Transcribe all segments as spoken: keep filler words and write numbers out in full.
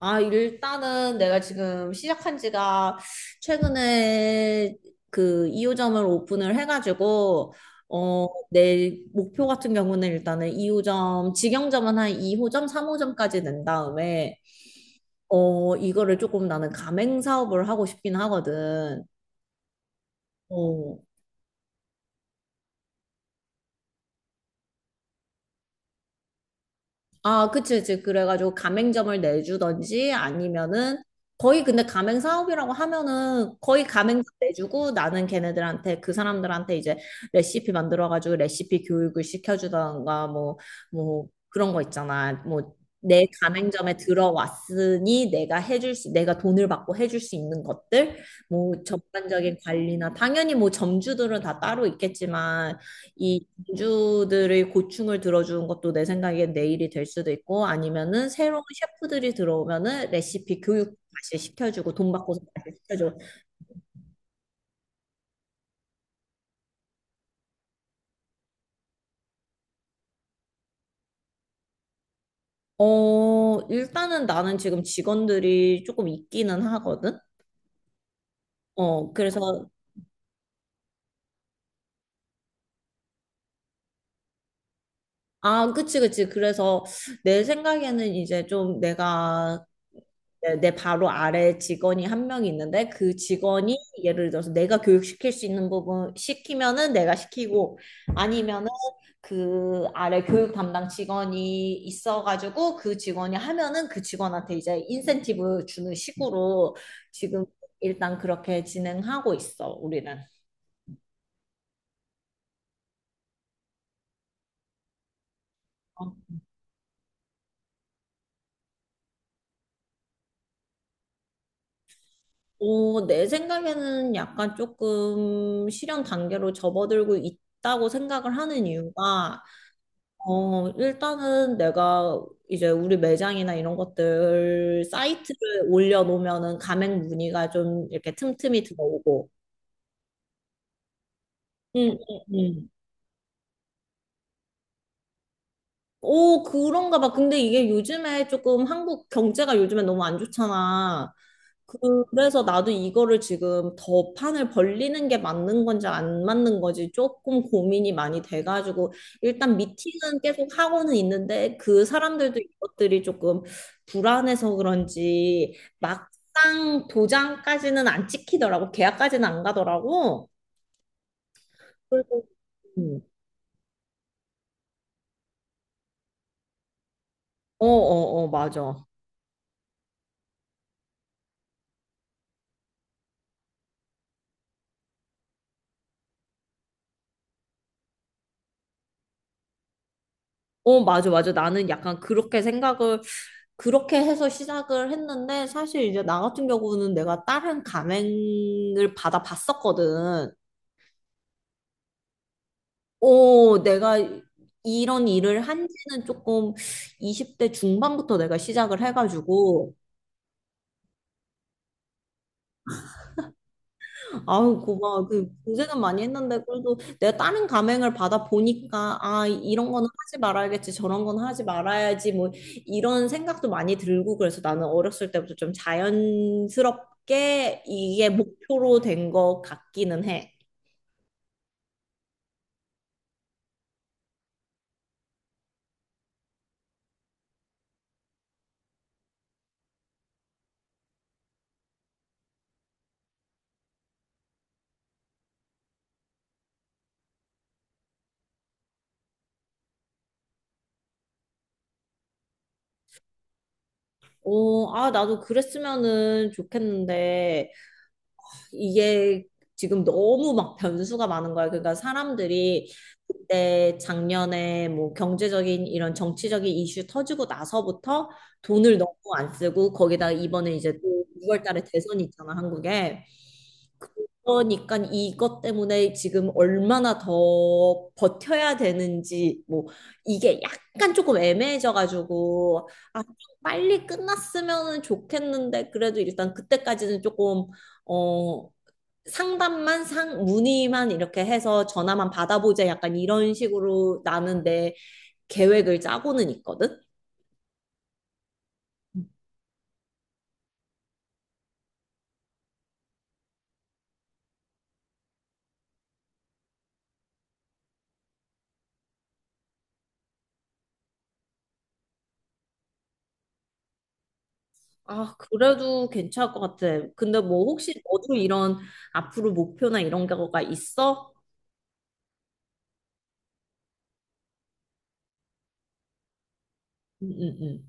아, 일단은 내가 지금 시작한 지가 최근에 그 이 호점을 오픈을 해가지고, 어, 내 목표 같은 경우는 일단은 이 호점, 직영점은 한 이 호점, 삼 호점까지 낸 다음에, 어, 이거를 조금 나는 가맹 사업을 하고 싶긴 하거든. 어, 아, 그치, 그치. 그래가지고 가맹점을 내주던지 아니면은 거의 근데 가맹 사업이라고 하면은 거의 가맹점 내주고 나는 걔네들한테 그 사람들한테 이제 레시피 만들어가지고 레시피 교육을 시켜주던가 뭐, 뭐 그런 거 있잖아. 뭐 내 가맹점에 들어왔으니 내가 해줄 수, 내가 돈을 받고 해줄 수 있는 것들, 뭐 전반적인 관리나 당연히 뭐 점주들은 다 따로 있겠지만 이 주들의 고충을 들어주는 것도 내 생각엔 내일이 될 수도 있고 아니면은 새로운 셰프들이 들어오면은 레시피 교육 다시 시켜주고 돈 받고서 다시 시켜주고. 어, 일단은 나는 지금 직원들이 조금 있기는 하거든. 어, 그래서 아, 그치, 그치. 그래서 내 생각에는 이제 좀 내가 내, 내 바로 아래 직원이 한 명이 있는데 그 직원이 예를 들어서 내가 교육시킬 수 있는 부분 시키면은 내가 시키고 아니면은 그 아래 교육 담당 직원이 있어가지고 그 직원이 하면은 그 직원한테 이제 인센티브 주는 식으로 지금 일단 그렇게 진행하고 있어, 우리는. 어, 어, 내 생각에는 약간 조금 실현 단계로 접어들고 있다고 생각을 하는 이유가 어, 일단은 내가 이제 우리 매장이나 이런 것들 사이트를 올려놓으면은 가맹 문의가 좀 이렇게 틈틈이 들어오고. 응, 응, 응. 오, 그런가 봐. 근데 이게 요즘에 조금 한국 경제가 요즘에 너무 안 좋잖아. 그래서 나도 이거를 지금 더 판을 벌리는 게 맞는 건지 안 맞는 건지 조금 고민이 많이 돼가지고 일단 미팅은 계속 하고는 있는데 그 사람들도 이것들이 조금 불안해서 그런지 막상 도장까지는 안 찍히더라고. 계약까지는 안 가더라고. 그래서 음, 어, 어, 어, 맞아. 어, 맞아, 맞아. 나는 약간 그렇게 생각을, 그렇게 해서 시작을 했는데, 사실 이제 나 같은 경우는 내가 다른 감행을 받아 봤었거든. 어, 내가 이런 일을 한 지는 조금 이십 대 중반부터 내가 시작을 해가지고, 아유, 고마워. 그 고생은 많이 했는데 그래도 내가 다른 감행을 받아 보니까 아, 이런 거는 하지 말아야겠지, 저런 건 하지 말아야지 뭐 이런 생각도 많이 들고 그래서 나는 어렸을 때부터 좀 자연스럽게 이게 목표로 된 것 같기는 해. 어, 아, 나도 그랬으면은 좋겠는데 이게 지금 너무 막 변수가 많은 거야. 그러니까 사람들이 그때 작년에 뭐 경제적인 이런 정치적인 이슈 터지고 나서부터 돈을 너무 안 쓰고 거기다 이번에 이제 또 유월 달에 대선이 있잖아, 한국에. 그러니까 이것 때문에 지금 얼마나 더 버텨야 되는지 뭐 이게 약간 조금 애매해져 가지고 아, 좀 빨리 끝났으면 좋겠는데 그래도 일단 그때까지는 조금 어, 상담만 상 문의만 이렇게 해서 전화만 받아보자 약간 이런 식으로 나는 내 계획을 짜고는 있거든. 아, 그래도 괜찮을 것 같아. 근데 뭐 혹시 너도 이런 앞으로 목표나 이런 거가 있어? 응, 응, 응.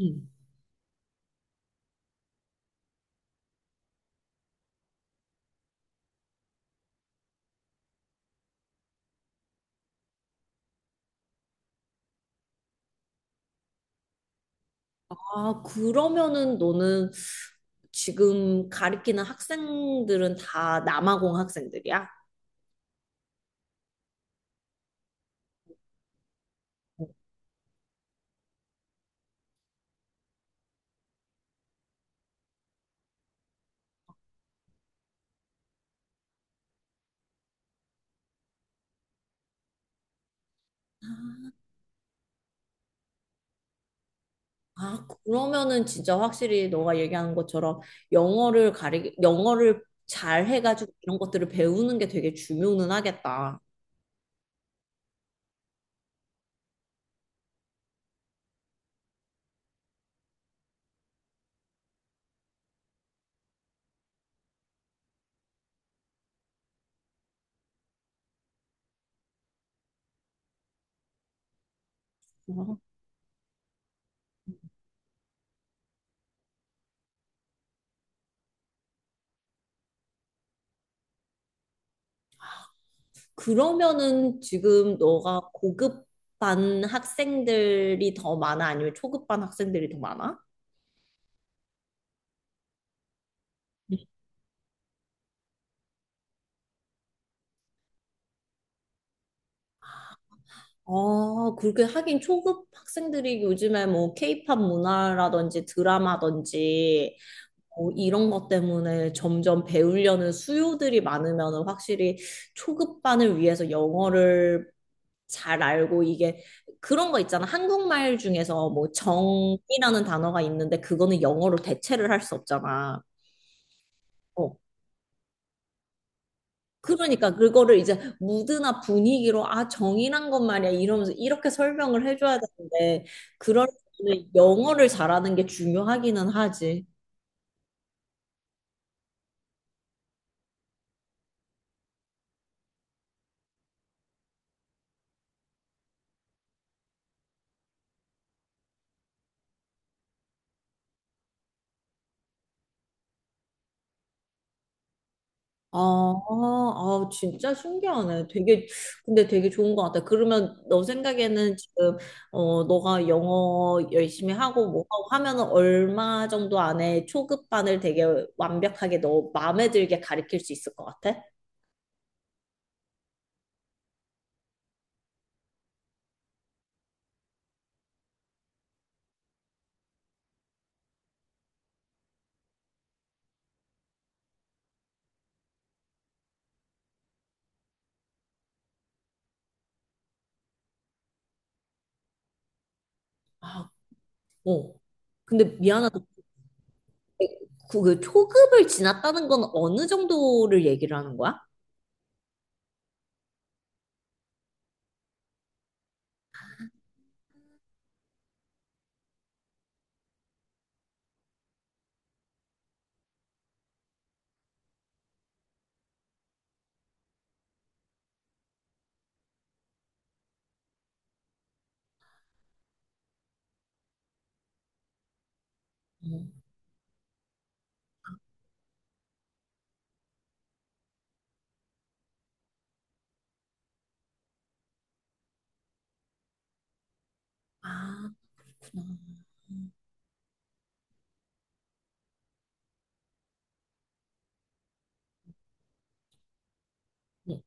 응. 아, 그러면은 너는 지금 가리키는 학생들은 다 남아공 학생들이야? 아, 그러면은 진짜 확실히 너가 얘기하는 것처럼 영어를 가리, 영어를 잘 해가지고 이런 것들을 배우는 게 되게 중요는 하겠다. 어, 그러면은 지금 너가 고급반 학생들이 더 많아? 아니면 초급반 학생들이 더 많아? 아, 그렇게 하긴 초급 학생들이 요즘에 뭐 케이팝 문화라든지 드라마든지 어, 이런 것 때문에 점점 배우려는 수요들이 많으면 확실히 초급반을 위해서 영어를 잘 알고 이게 그런 거 있잖아. 한국말 중에서 뭐 정이라는 단어가 있는데 그거는 영어로 대체를 할 수 없잖아. 어. 그러니까 그거를 이제 무드나 분위기로 아, 정이란 건 말이야 이러면서 이렇게 설명을 해줘야 되는데 그럴 때는 영어를 잘하는 게 중요하기는 하지. 아, 아, 진짜 신기하네. 되게, 근데 되게 좋은 것 같아. 그러면 너 생각에는 지금, 어, 너가 영어 열심히 하고 뭐 하고 하면은 얼마 정도 안에 초급반을 되게 완벽하게 너 마음에 들게 가르칠 수 있을 것 같아? 아, 어. 근데 미안한 그, 그 초급을 지났다는 건 어느 정도를 얘기를 하는 거야? 음.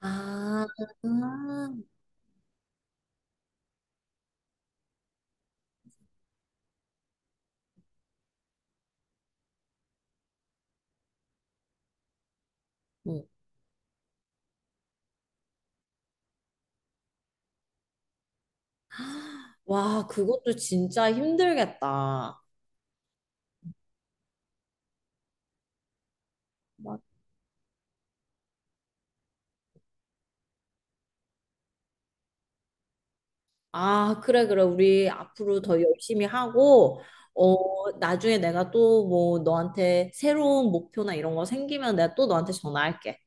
아, 그렇구나. 응. 아, 음. 응. 와, 그것도 진짜 힘들겠다. 맞- 아, 그래, 그래. 우리 앞으로 더 열심히 하고, 어, 나중에 내가 또 뭐 너한테 새로운 목표나 이런 거 생기면 내가 또 너한테 전화할게.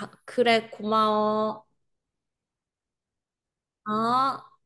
아, 그래, 고마워. 아.